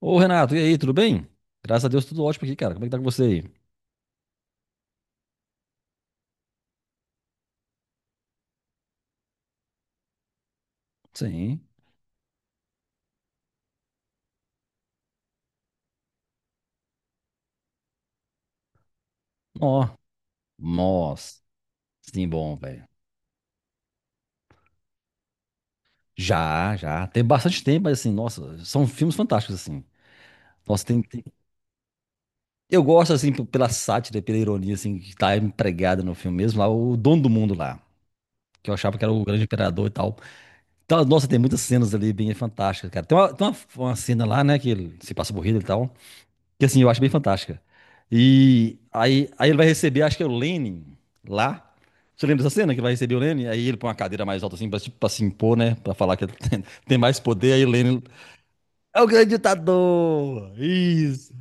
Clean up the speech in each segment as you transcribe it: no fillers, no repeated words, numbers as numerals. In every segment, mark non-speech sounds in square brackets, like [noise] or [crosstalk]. Ô Renato, e aí, tudo bem? Graças a Deus, tudo ótimo aqui, cara. Como é que tá com você aí? Sim. Ó, nossa, sim, bom, velho. Já, já. Tem bastante tempo, mas assim, nossa, são filmes fantásticos, assim. Nossa. Eu gosto, assim, pela sátira, pela ironia, assim, que tá empregada no filme mesmo, lá, o dono do mundo lá, que eu achava que era o grande imperador e tal. Então, nossa, tem muitas cenas ali bem fantásticas, cara. Uma cena lá, né, que ele se passa por Hitler e tal. Que assim, eu acho bem fantástica. E aí ele vai receber, acho que é o Lenin lá. Você lembra dessa cena que ele vai receber o Lenin? Aí ele põe uma cadeira mais alta assim, pra, tipo, pra se impor, né? Pra falar que ele [laughs] tem mais poder. Aí o Lenin. É o grande ditador! Isso!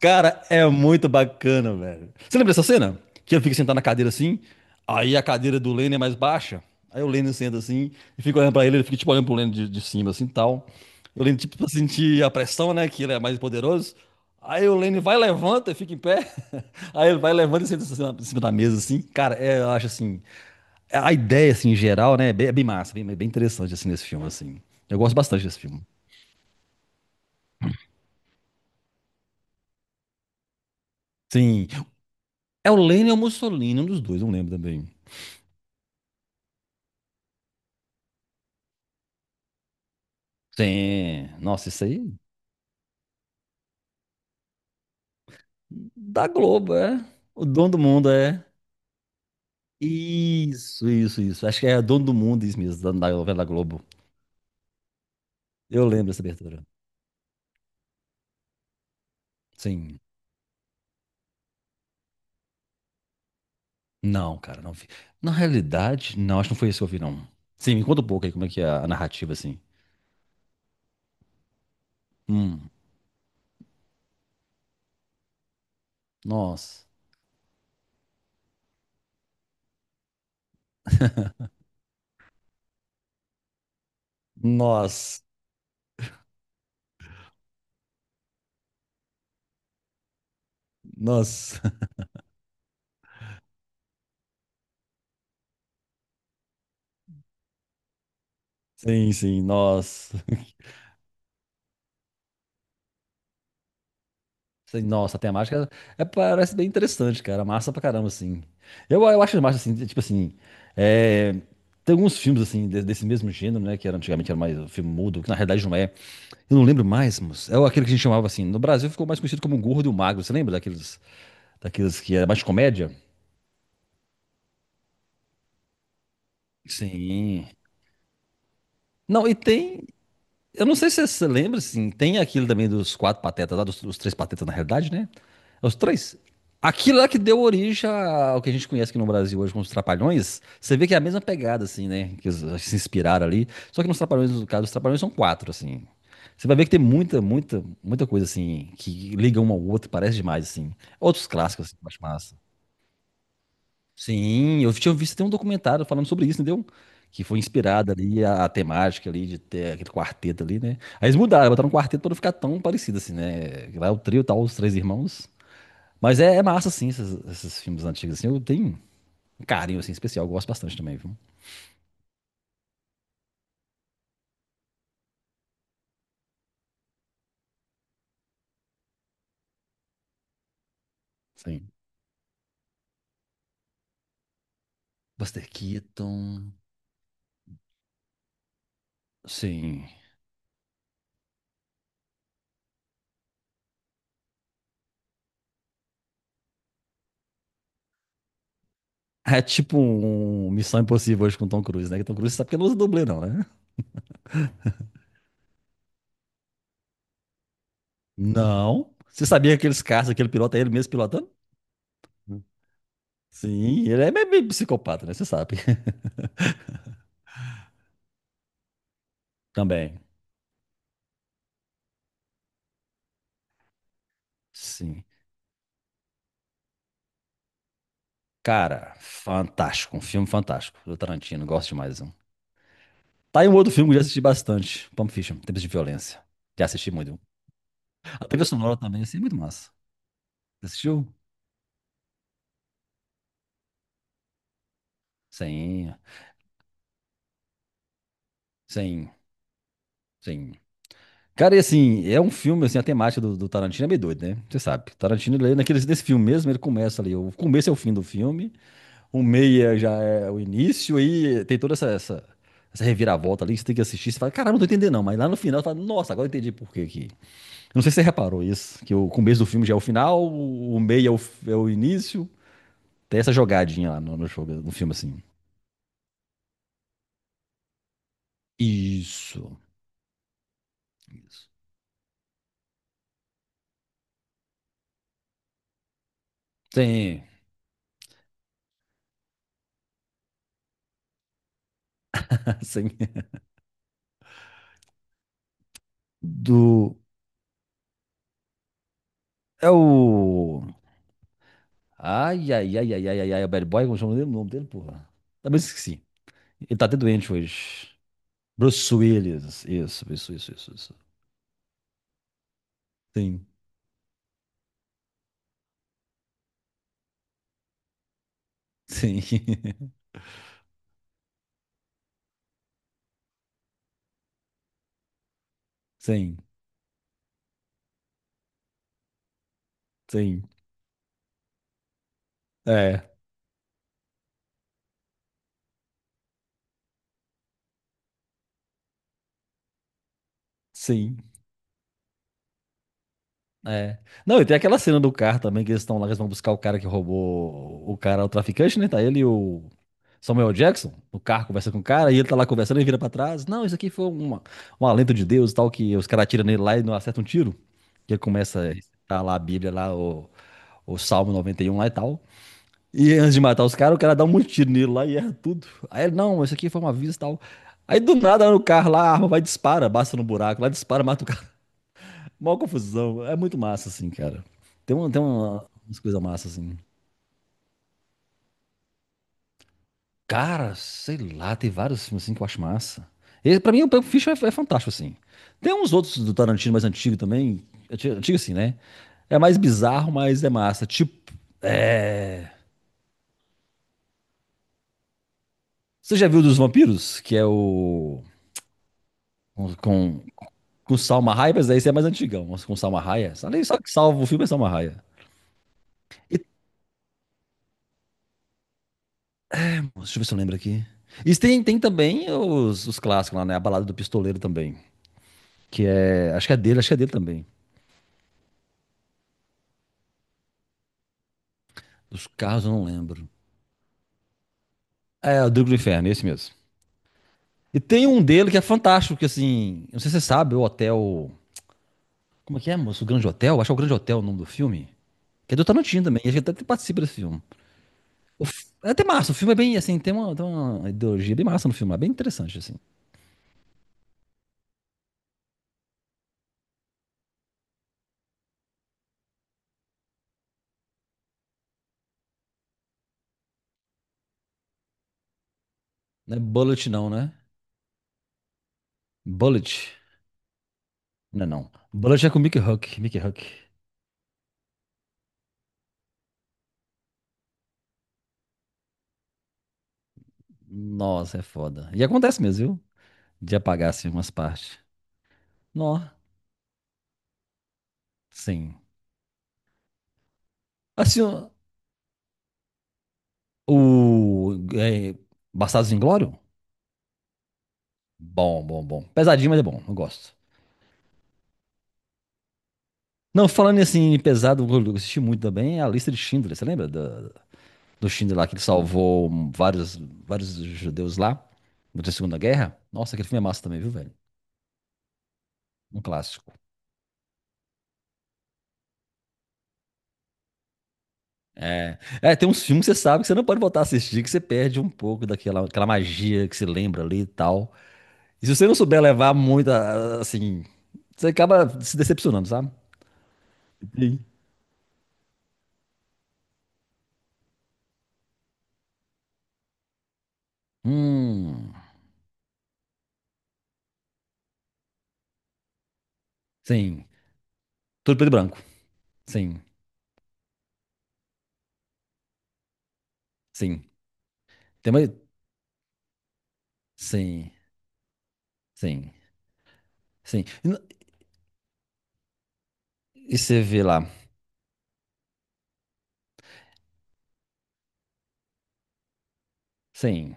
Cara, é muito bacana, velho. Você lembra dessa cena? Que ele fica sentado na cadeira assim, aí a cadeira do Lenny é mais baixa, aí o Lenny senta assim e fica olhando pra ele, ele fica tipo olhando pro Lenny de cima assim tal. O Lenny tipo pra sentir a pressão, né, que ele é mais poderoso. Aí o Lenny vai, levanta e fica em pé. [laughs] Aí ele vai, levanta e senta assim em cima da mesa assim. Cara, é, eu acho assim, a ideia assim em geral, né, é bem massa, bem interessante assim nesse filme assim. Eu gosto bastante desse filme. Sim. É o Lenny ou o Mussolini, um dos dois, não lembro também. Sim, nossa, isso aí da Globo, é. O dono do mundo é. Isso, isso, isso. Acho que é dono do mundo, isso mesmo, da novela da Globo. Eu lembro dessa abertura. Sim. Não, cara, não vi. Na realidade, não, acho que não foi isso que eu vi, não. Sim, me conta um pouco aí como é que é a narrativa, assim. Hum, nossa. Nossa. Nossa. [laughs] Sim, sim, nossa. Sei, nossa, a temática é, parece bem interessante, cara. Massa pra caramba, assim. Eu acho massa, assim, tipo assim. É, tem alguns filmes, assim, desse mesmo gênero, né? Que era, antigamente era mais um filme mudo, que na realidade não é. Eu não lembro mais, moço. É aquele que a gente chamava assim. No Brasil ficou mais conhecido como o Gordo e o Magro. Você lembra daqueles que era mais comédia? Sim. Não, e tem. Eu não sei se você lembra, assim, tem aquilo também dos quatro patetas lá, dos três patetas na realidade, né? Os três. Aquilo lá que deu origem ao que a gente conhece aqui no Brasil hoje como os Trapalhões. Você vê que é a mesma pegada, assim, né? Que se inspiraram ali. Só que nos Trapalhões, no caso, os Trapalhões são quatro, assim. Você vai ver que tem muita, muita, muita coisa, assim, que liga um ao outro, parece demais, assim. Outros clássicos, assim, que eu acho massa. Sim, eu tinha visto até um documentário falando sobre isso, entendeu? Que foi inspirada ali a temática ali de ter aquele quarteto ali, né? Aí eles mudaram, botaram um quarteto pra não ficar tão parecido assim, né? Lá é o trio, tal, os três irmãos. Mas é massa, assim, esses filmes antigos, assim. Eu tenho um carinho, assim, especial. Eu gosto bastante também, viu? Sim. Buster Keaton. Sim. É tipo um Missão Impossível hoje com Tom Cruise, né? Que Tom Cruise sabe que ele não usa dublê, não, né? Não. Você sabia que aqueles caras, aquele piloto, é ele mesmo pilotando? Sim, ele é meio psicopata, né? Você sabe. [laughs] Também. Sim. Cara, fantástico. Um filme fantástico do Tarantino. Gosto demais. Um. Tá aí um outro filme que eu já assisti bastante. Pulp Fiction, Tempos de Violência. Já assisti muito. A trilha sonora também, assim, é muito massa. Você assistiu? Sim, sim, sim. Cara, e assim, é um filme, assim, a temática do Tarantino é meio doido, né? Você sabe. Tarantino, ele, naquele, nesse filme mesmo, ele começa ali. O começo é o fim do filme. O meia já é o início, aí tem toda essa, essa reviravolta ali que você tem que assistir. Você fala, caramba, não tô entendendo não. Mas lá no final você fala, nossa, agora eu entendi por quê que. Eu não sei se você reparou isso, que o começo do filme já é o final, o meia é o, é o início. Tem essa jogadinha lá no jogo, no filme assim. Isso. Isso. Sim. [laughs] Assim. Do. É o. Ai, ai, ai, ai, ai, ai, ai, é o Bad Boy, como chama o nome dele? O nome dele, porra. Também esqueci. Ele tá até doente hoje. Bruce Willis. Isso, isso, isso, isso, isso. Sim, sim, [laughs] sim, sim, é, sim, é. Não, e tem aquela cena do carro também, que eles estão lá, eles vão buscar o cara que roubou o cara, o traficante, né? Tá ele e o Samuel Jackson, no carro, conversa com o cara, e ele tá lá conversando, ele vira pra trás, não, isso aqui foi uma, um alento de Deus e tal, que os caras atiram nele lá e não acertam um tiro, que ele começa a recitar lá a Bíblia, lá o Salmo 91 lá e tal. E antes de matar os caras, o cara dá um monte de tiro nele lá e erra tudo. Aí ele, não, isso aqui foi uma aviso e tal. Aí do nada no carro lá, a arma vai e dispara, basta no buraco, lá dispara, mata o cara. [laughs] Mó confusão. É muito massa, assim, cara. Umas coisas massas, assim. Cara, sei lá, tem vários filmes assim que eu acho massa. Ele, pra mim, o Pulp Fiction é fantástico, assim. Tem uns outros do Tarantino mais antigo também. Antigo assim, né? É mais bizarro, mas é massa. Tipo, é... Você já viu dos vampiros? Que é o... Com, com Com Salma Hayek, mas daí esse é mais antigão. Mas com Salma Hayek. Ali só que salva o filme é Salma Hayek. E, deixa eu ver se eu lembro aqui. E tem também os clássicos lá, né? A Balada do Pistoleiro também. Que é. Acho que é dele, acho que é dele também. Dos carros eu não lembro. É, o Drigo do Inferno, esse mesmo. E tem um dele que é fantástico, que assim. Não sei se você sabe, o Hotel. Como é que é, moço? O Grande Hotel? Acho que é o Grande Hotel o nome do filme. Que é do Tarantino também. Ele A gente até participa desse filme. É até massa, o filme é bem assim, tem uma, ideologia bem massa no filme, é bem interessante, assim. Não é bullet, não, né? Bullet? Não, não. Bullet é com o Mickey Huck. Mickey Huck. Nossa, é foda. E acontece mesmo, viu? De apagar, assim, umas partes. Nó. Sim. Assim, ó, o... É, Bastardos Inglórios? Bom, bom, bom. Pesadinho, mas é bom. Eu gosto. Não, falando assim, em assim, pesado, eu assisti muito também a lista de Schindler. Você lembra do Schindler lá, que ele salvou vários, vários judeus lá durante a Segunda Guerra? Nossa, aquele filme é massa também, viu, velho? Um clássico. É. É, tem uns filmes que você sabe que você não pode voltar a assistir, que você perde um pouco daquela aquela magia que você lembra ali e tal. E se você não souber levar muito, assim, você acaba se decepcionando, sabe? Sim. Hum, sim. Tudo preto e branco. Sim, sim. Tem mais... Sim, sim, sim. E você vê lá. Sim.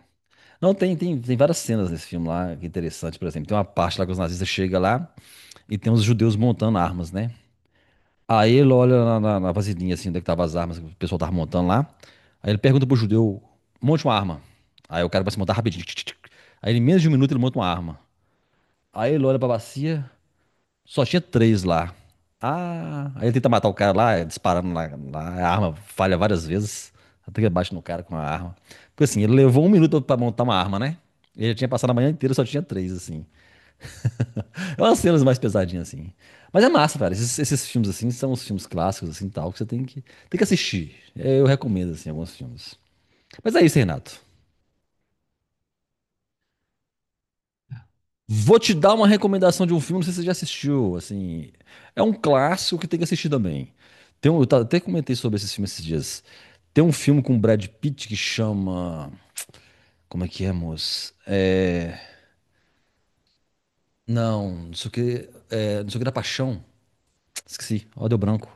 Não, tem várias cenas nesse filme lá, que é interessante, por exemplo. Tem uma parte lá que os nazistas chegam lá e tem os judeus montando armas, né? Aí ele olha na vasilhinha, assim, onde é que tava as armas que o pessoal tava montando lá. Aí ele pergunta pro judeu, monte uma arma. Aí o cara vai se montar rapidinho. Tch, tch, tch. Aí em menos de 1 minuto ele monta uma arma. Aí ele olha pra bacia, só tinha três lá. Ah, aí ele tenta matar o cara lá, é disparando lá, lá. A arma falha várias vezes. Até que ele bate no cara com a arma. Porque assim, ele levou 1 minuto pra montar uma arma, né? Ele já tinha passado a manhã inteira, só tinha três, assim. É umas cenas mais pesadinhas, assim. Mas é massa, cara. Esses filmes, assim, são os filmes clássicos, assim, tal, que você tem que, assistir. É, eu recomendo, assim, alguns filmes. Mas é isso, Renato. Vou te dar uma recomendação de um filme, não sei se você já assistiu, assim. É um clássico que tem que assistir também. Tem um, até comentei sobre esse filme esses dias. Tem um filme com o Brad Pitt que chama... Como é que é, moço? É... Não, não sei o que... É, não sei o que da Paixão. Esqueci. Ó, deu branco.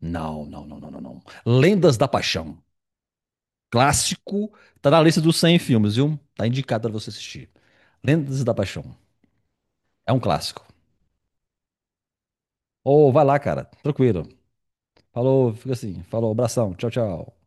Não, não, não, não, não, não. Lendas da Paixão. Clássico. Tá na lista dos 100 filmes, viu? Tá indicado pra você assistir. Lendas da Paixão. É um clássico. Ô, vai lá, cara. Tranquilo. Falou, fica assim. Falou, abração. Tchau, tchau.